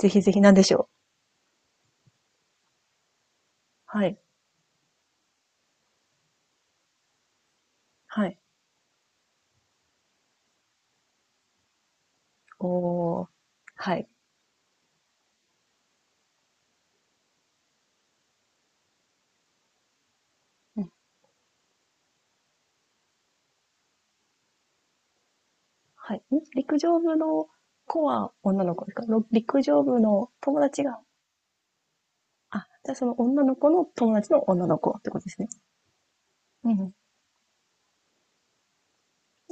ぜひぜひ、なんでしょう。はい、はい。おー、はい。うん、はい。ん陸上部の子は女の子ですかろ陸上部の友達が、あ、じゃあその女の子の友達の女の子ってことですね。うんうん。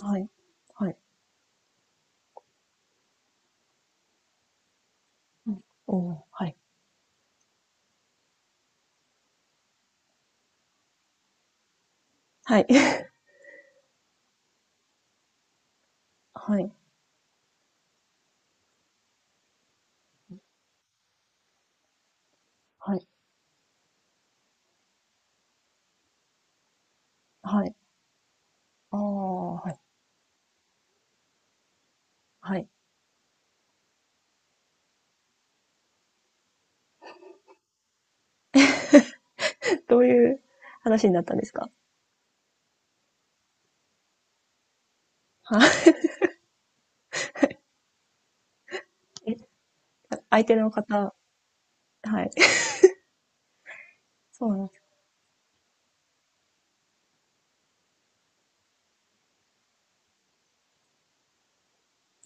はい。はい。うん。おー、はい。はい。はい。はい。はい。あー、はい。はい。どういう話になったんですか？はい。え、相手の方、はい。そうなんです。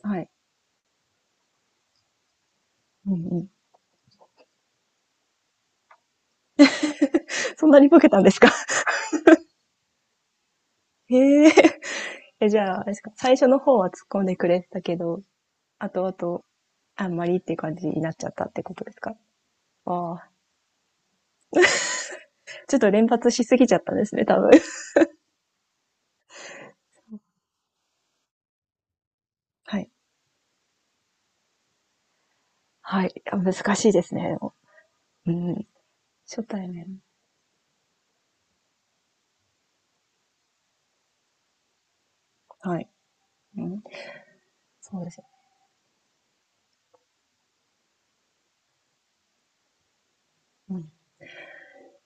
はい。うんうん。そんなにボケたんですか？ へえ。え、じゃあ、あれですか、最初の方は突っ込んでくれてたけど、後々、あんまりっていう感じになっちゃったってことですか？ああ。ちょっと連発しすぎちゃったんですね、多分。はい。はい。あ、難しいですね。うん。初対面。はい。うん。そうですね。うん。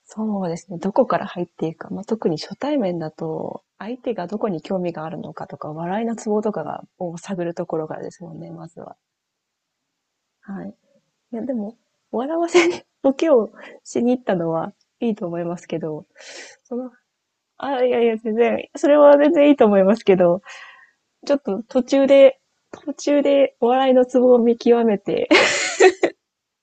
そうですね。どこから入っていくか。まあ、特に初対面だと、相手がどこに興味があるのかとか、笑いのツボとかが、を探るところからですもんね、まずは。はい。いや、でも、笑わせに、ボケをしに行ったのはいいと思いますけど、その、あ、いやいや、全然、それは全然いいと思いますけど、ちょっと途中でお笑いのツボを見極めて、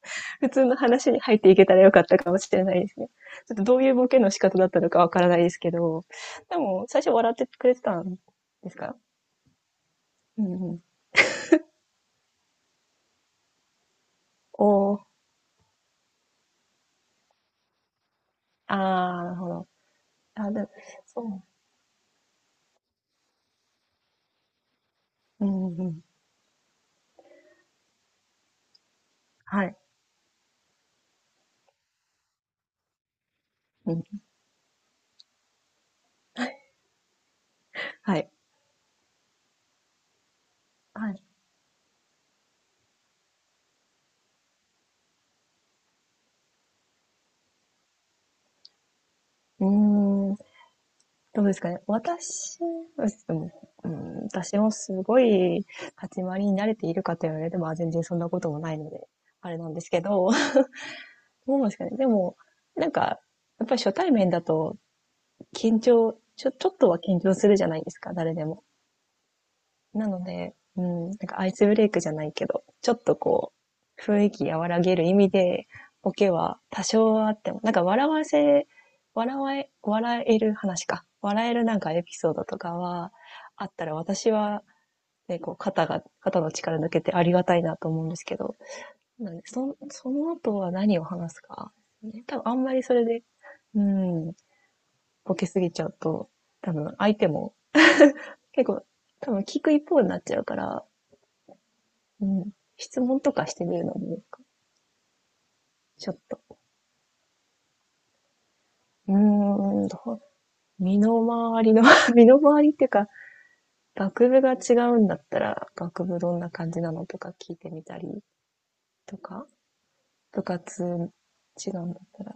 普通の話に入っていけたらよかったかもしれないですね。ちょっとどういうボケの仕方だったのかわからないですけど、でも、最初笑ってくれてたんですか？うんうん。おー、あー、なるほど。あ、でも、そう。うんうん。はい。うん、はい。はい。うーん。どうですかね。私、でも、うん、私もすごい立ち回りに慣れているかと言われても、まあ全然そんなこともないので、あれなんですけど、どうなんですかね。でも、なんか、やっぱり初対面だと緊張、ちょ、ちょっとは緊張するじゃないですか、誰でも。なので、うん、なんかアイスブレイクじゃないけど、ちょっとこう、雰囲気和らげる意味で、ボケは多少はあっても、なんか笑える話か。笑えるなんかエピソードとかはあったら私は、ね、こう肩が、肩の力抜けてありがたいなと思うんですけど、なんでその後は何を話すか。ね多分あんまりそれで、うん、ボケすぎちゃうと、多分相手も結構多分聞く一方になっちゃうから、うん。質問とかしてみるのもいいか。ちょっと。うーん、どう身の回りの 身の回りっていうか、学部が違うんだったら、学部どんな感じなのとか聞いてみたりとか、部活違うんだったら、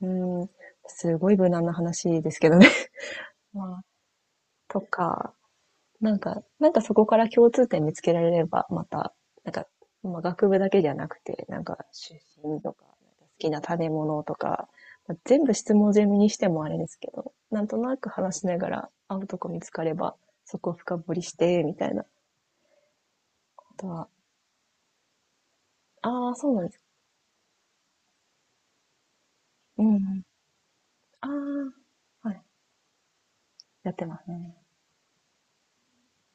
うーん、すごい無難な話ですけどね まあ、とか、なんか、なんかそこから共通点見つけられれば、また、なんか、まあ、学部だけじゃなくて、なんか出身とか、なんか好きな食べ物とか、まあ、全部質問攻めにしてもあれですけど、なんとなく話しながら、会うとこ見つかれば、そこを深掘りして、みたいなことは、ああ、そうなんです。うんうん。ああ、はい。やってますね。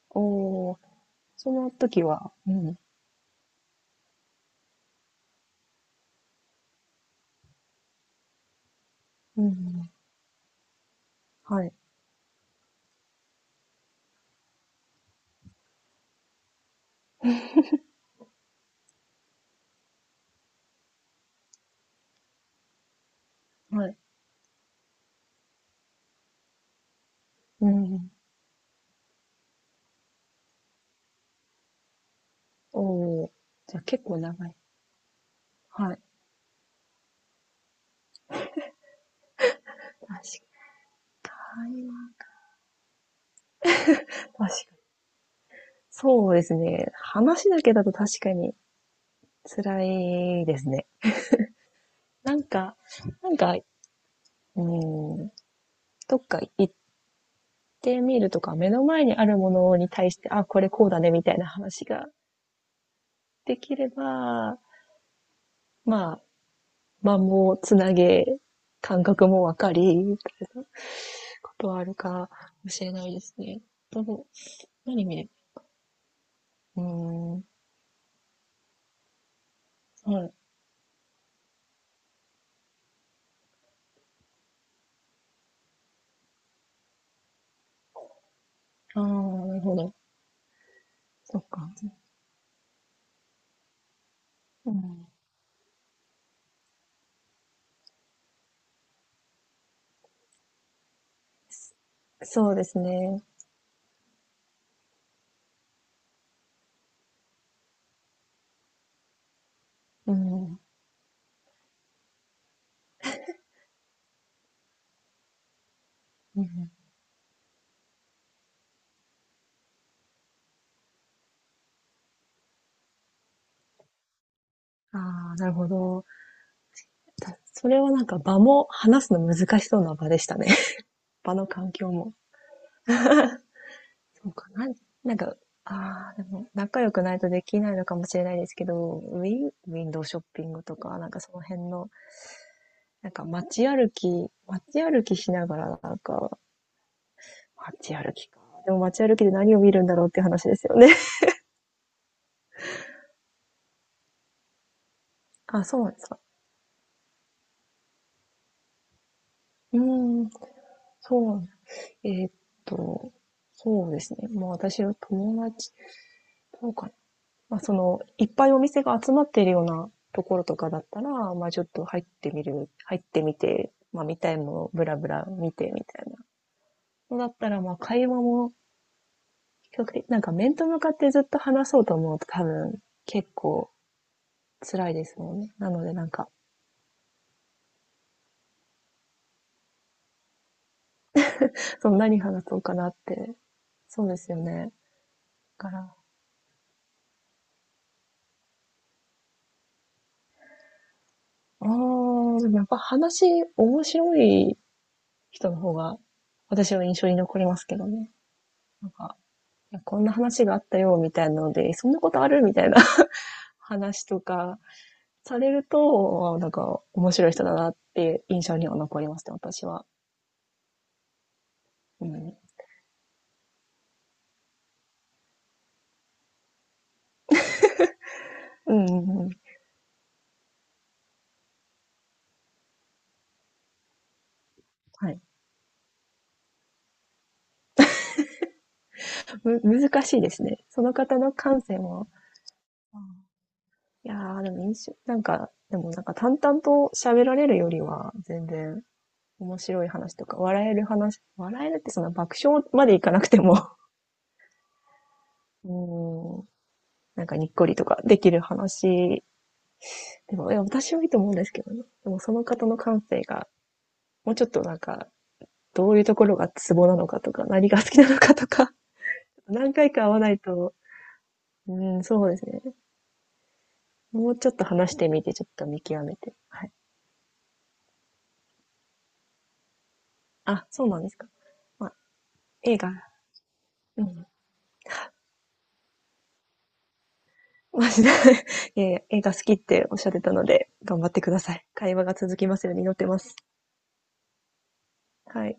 おー、その時は、うん。うんうん、はい。はい。うんうん。おー、じゃあ結構長い。はい。確台湾、確かに。そうですね。話だけだと確かに辛いですね。なんか、なんか、うん、どっか行ってみるとか、目の前にあるものに対して、あ、これこうだね、みたいな話ができれば、まあ、間もつなげ、感覚もわかり、とことはあるかもしれないですね。どう、何見れば、うーん。はい。ああ、なるほど。そっか。うん、そうですね。うん。うんうん。ああ、なるほど。それはなんか場も話すの難しそうな場でしたね。場の環境も。そうかな。なんか、ああ、でも仲良くないとできないのかもしれないですけど、ウィンドウショッピングとか、なんかその辺の、なんか街歩きしながら、なんか、街歩きか。でも街歩きで何を見るんだろうっていう話ですよね。あ、そうなんですか。うーん、そうなんだ、えーっと、そうですね。もう私は友達、どうかまあ、その、いっぱいお店が集まっているようなところとかだったら、まあ、ちょっと入ってみて、まあ、見たいものをブラブラ見てみたいなだったら、まあ、会話も比較的、なんか面と向かってずっと話そうと思うと多分結構辛いですもんね。なのでなんか、その何話そうかなって、そうですよね。だから、あー、でもやっぱ話面白い人の方が私は印象に残りますけどね。なんか、こんな話があったよ、みたいなので、そんなことあるみたいな 話とかされると、なんか面白い人だなって印象には残りますね、私は。うん。うんうんうん。はい。む、難しいですね。その方の感性も。いやー、でも印象、なんか、でもなんか淡々と喋られるよりは、全然面白い話とか、笑える話、笑えるってその爆笑までいかなくても、うん、なんかにっこりとかできる話でも、いや、私はいいと思うんですけどね。でも、その方の感性が、もうちょっとなんか、どういうところがツボなのかとか、何が好きなのかとか、何回か会わないと、うん、そうですね。もうちょっと話してみて、ちょっと見極めて。はい。あ、そうなんですか。まあ、映画、うん。マジで、いやいや、映画好きっておっしゃってたので、頑張ってください。会話が続きますように祈ってます。はい。